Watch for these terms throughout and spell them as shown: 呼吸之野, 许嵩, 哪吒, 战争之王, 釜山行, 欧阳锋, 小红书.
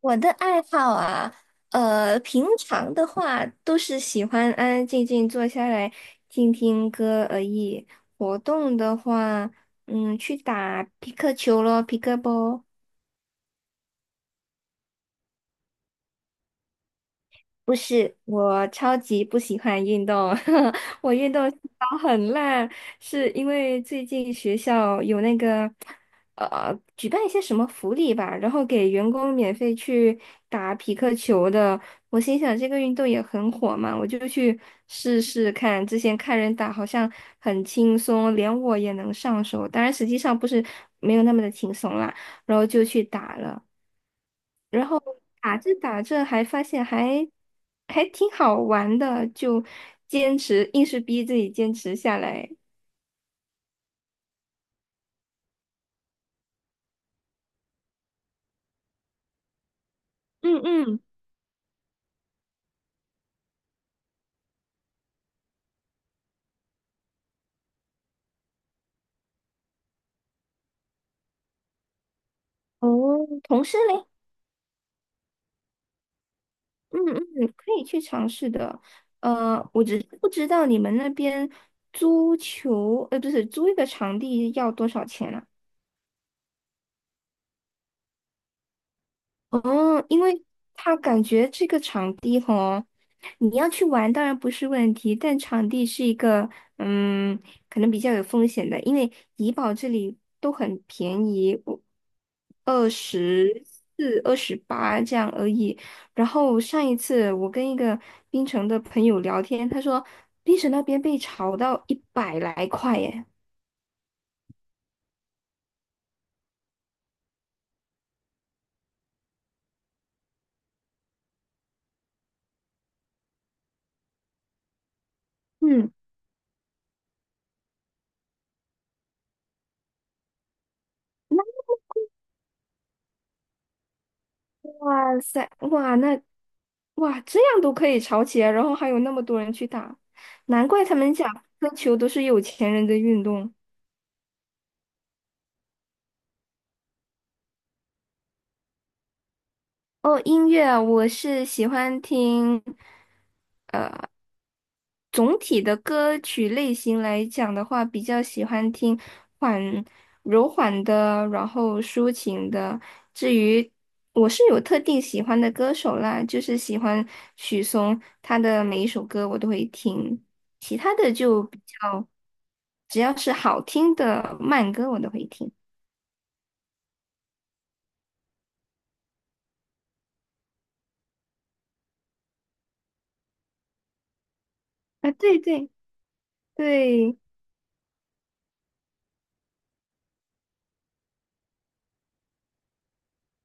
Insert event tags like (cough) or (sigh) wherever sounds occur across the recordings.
我的爱好啊，平常的话都是喜欢安安静静坐下来听听歌而已。活动的话，去打皮克球咯，皮克波。不是，我超级不喜欢运动，(laughs) 我运动细胞很烂，是因为最近学校有那个举办一些什么福利吧，然后给员工免费去打匹克球的。我心想这个运动也很火嘛，我就去试试看。之前看人打好像很轻松，连我也能上手，当然实际上不是没有那么的轻松啦。然后就去打了。然后打着打着还发现挺好玩的，就坚持，硬是逼自己坚持下来。嗯嗯，哦，同事嘞，嗯嗯，可以去尝试的。我只是不知道你们那边租球，不是租一个场地要多少钱啊？哦，因为他感觉这个场地吼，你要去玩当然不是问题，但场地是一个嗯，可能比较有风险的，因为怡保这里都很便宜，我24、28这样而已。然后上一次我跟一个槟城的朋友聊天，他说槟城那边被炒到100来块耶。嗯。那。哇塞，哇这样都可以吵起来，然后还有那么多人去打，难怪他们讲喝球都是有钱人的运动。哦，音乐我是喜欢听。总体的歌曲类型来讲的话，比较喜欢听缓柔缓的，然后抒情的。至于我是有特定喜欢的歌手啦，就是喜欢许嵩，他的每一首歌我都会听，其他的就比较，只要是好听的慢歌我都会听。啊，对对对，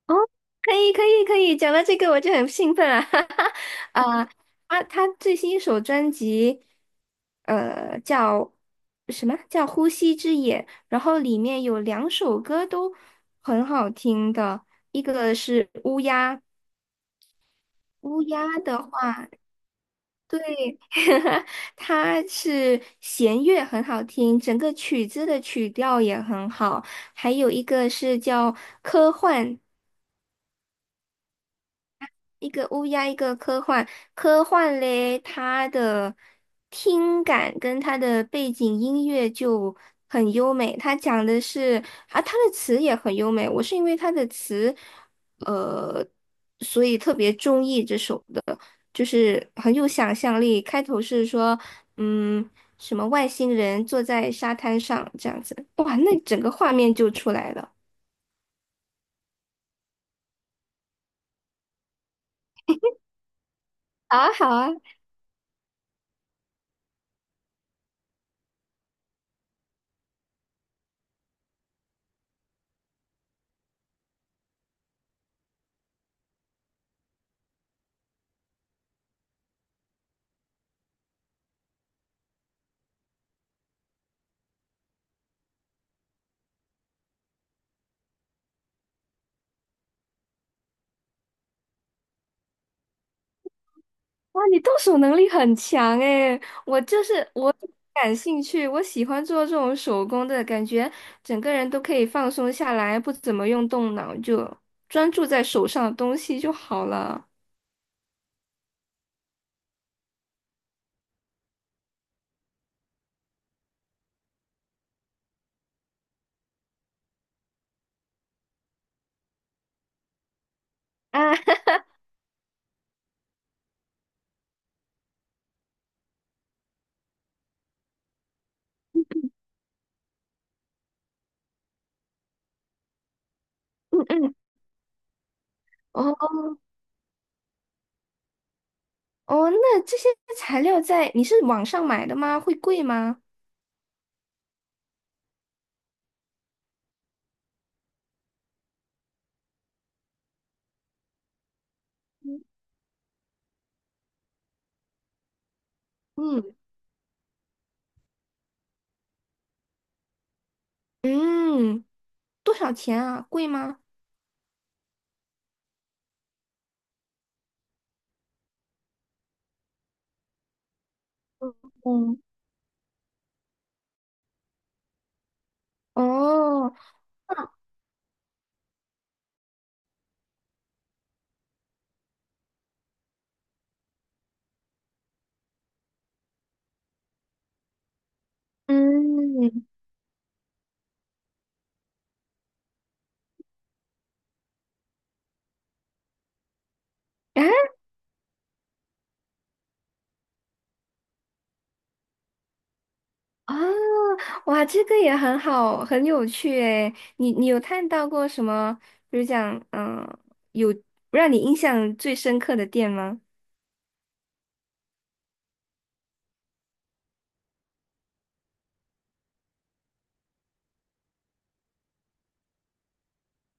哦，可以可以可以，讲到这个我就很兴奋啊！(laughs) 哈哈，啊，他最新一首专辑，叫什么叫《呼吸之野》，然后里面有两首歌都很好听的，一个是乌鸦，乌鸦的话，对，(laughs) 它是弦乐很好听，整个曲子的曲调也很好，还有一个是叫科幻。一个乌鸦，一个科幻。科幻嘞，它的听感跟它的背景音乐就很优美。它讲的是啊，它的词也很优美。我是因为它的词，呃，所以特别中意这首的，就是很有想象力。开头是说，嗯，什么外星人坐在沙滩上这样子，哇，那整个画面就出来了。好啊，好啊。哇，你动手能力很强诶，我就是我感兴趣，我喜欢做这种手工的感觉，整个人都可以放松下来，不怎么用动脑，就专注在手上的东西就好了。啊，(laughs) 嗯嗯，哦哦，那这些材料在你是网上买的吗？会贵吗？嗯嗯，多少钱啊？贵吗？嗯，哦，嗯嗯，啊啊。哇，这个也很好，很有趣诶。你有看到过什么，比如讲，嗯、有让你印象最深刻的店吗？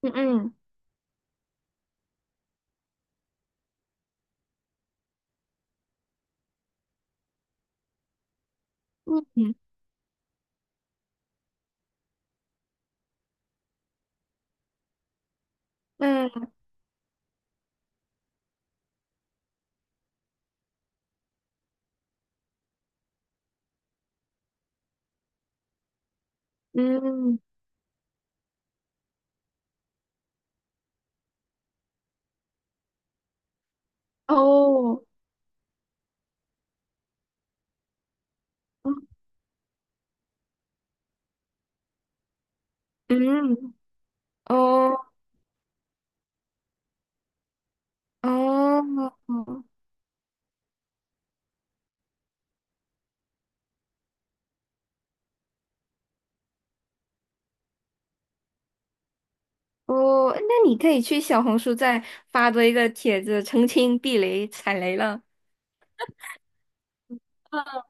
嗯嗯嗯嗯嗯哦嗯嗯，哦哦哦，那你可以去小红书再发多一个帖子，澄清避雷踩雷了。(laughs)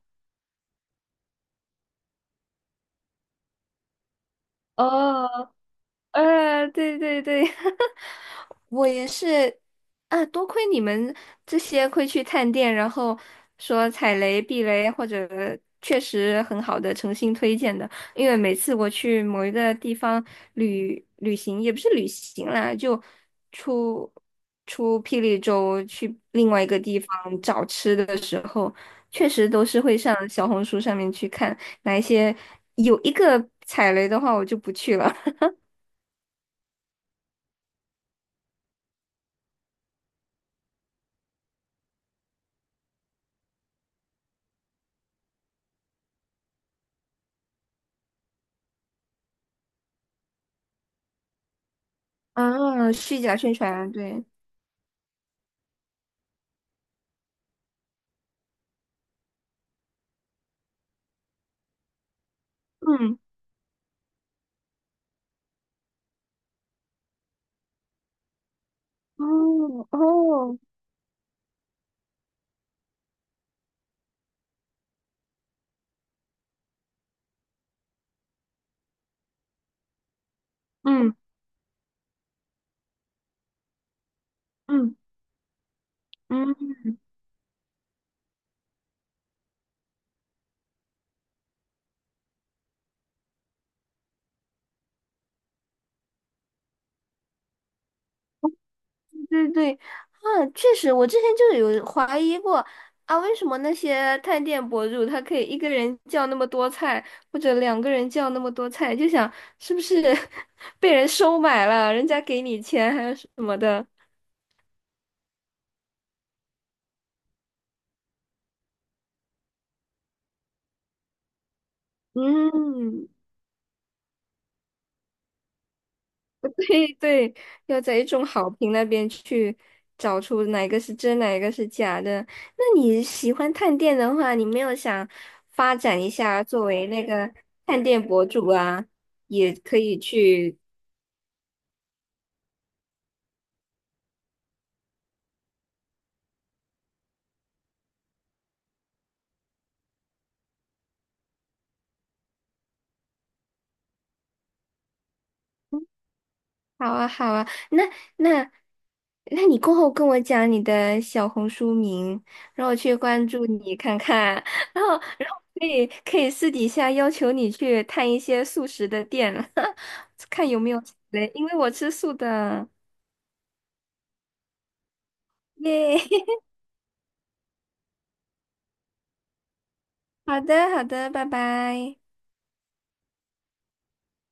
哦。对对对，(laughs) 我也是啊，多亏你们这些会去探店，然后说踩雷、避雷，或者确实很好的诚心推荐的。因为每次我去某一个地方旅行，也不是旅行啦，就出出霹雳州去另外一个地方找吃的的时候，确实都是会上小红书上面去看哪一些有一个踩雷的话，我就不去了。啊，虚假宣传，对，嗯，哦哦，嗯嗯嗯，对对啊，确实，我之前就有怀疑过啊，为什么那些探店博主他可以一个人叫那么多菜，或者两个人叫那么多菜，就想是不是 (laughs) 被人收买了，人家给你钱还是什么的，嗯 (laughs) 对对，要在一众好评那边去找出哪个是真，哪个是假的。那你喜欢探店的话，你没有想发展一下作为那个探店博主啊，也可以去好啊，好啊，那那你过后跟我讲你的小红书名，让我去关注你看看，(laughs) 然后然后可以可以私底下要求你去探一些素食的店，(laughs) 看有没有嘞，因为我吃素的，耶，(laughs) 好的好的，拜拜。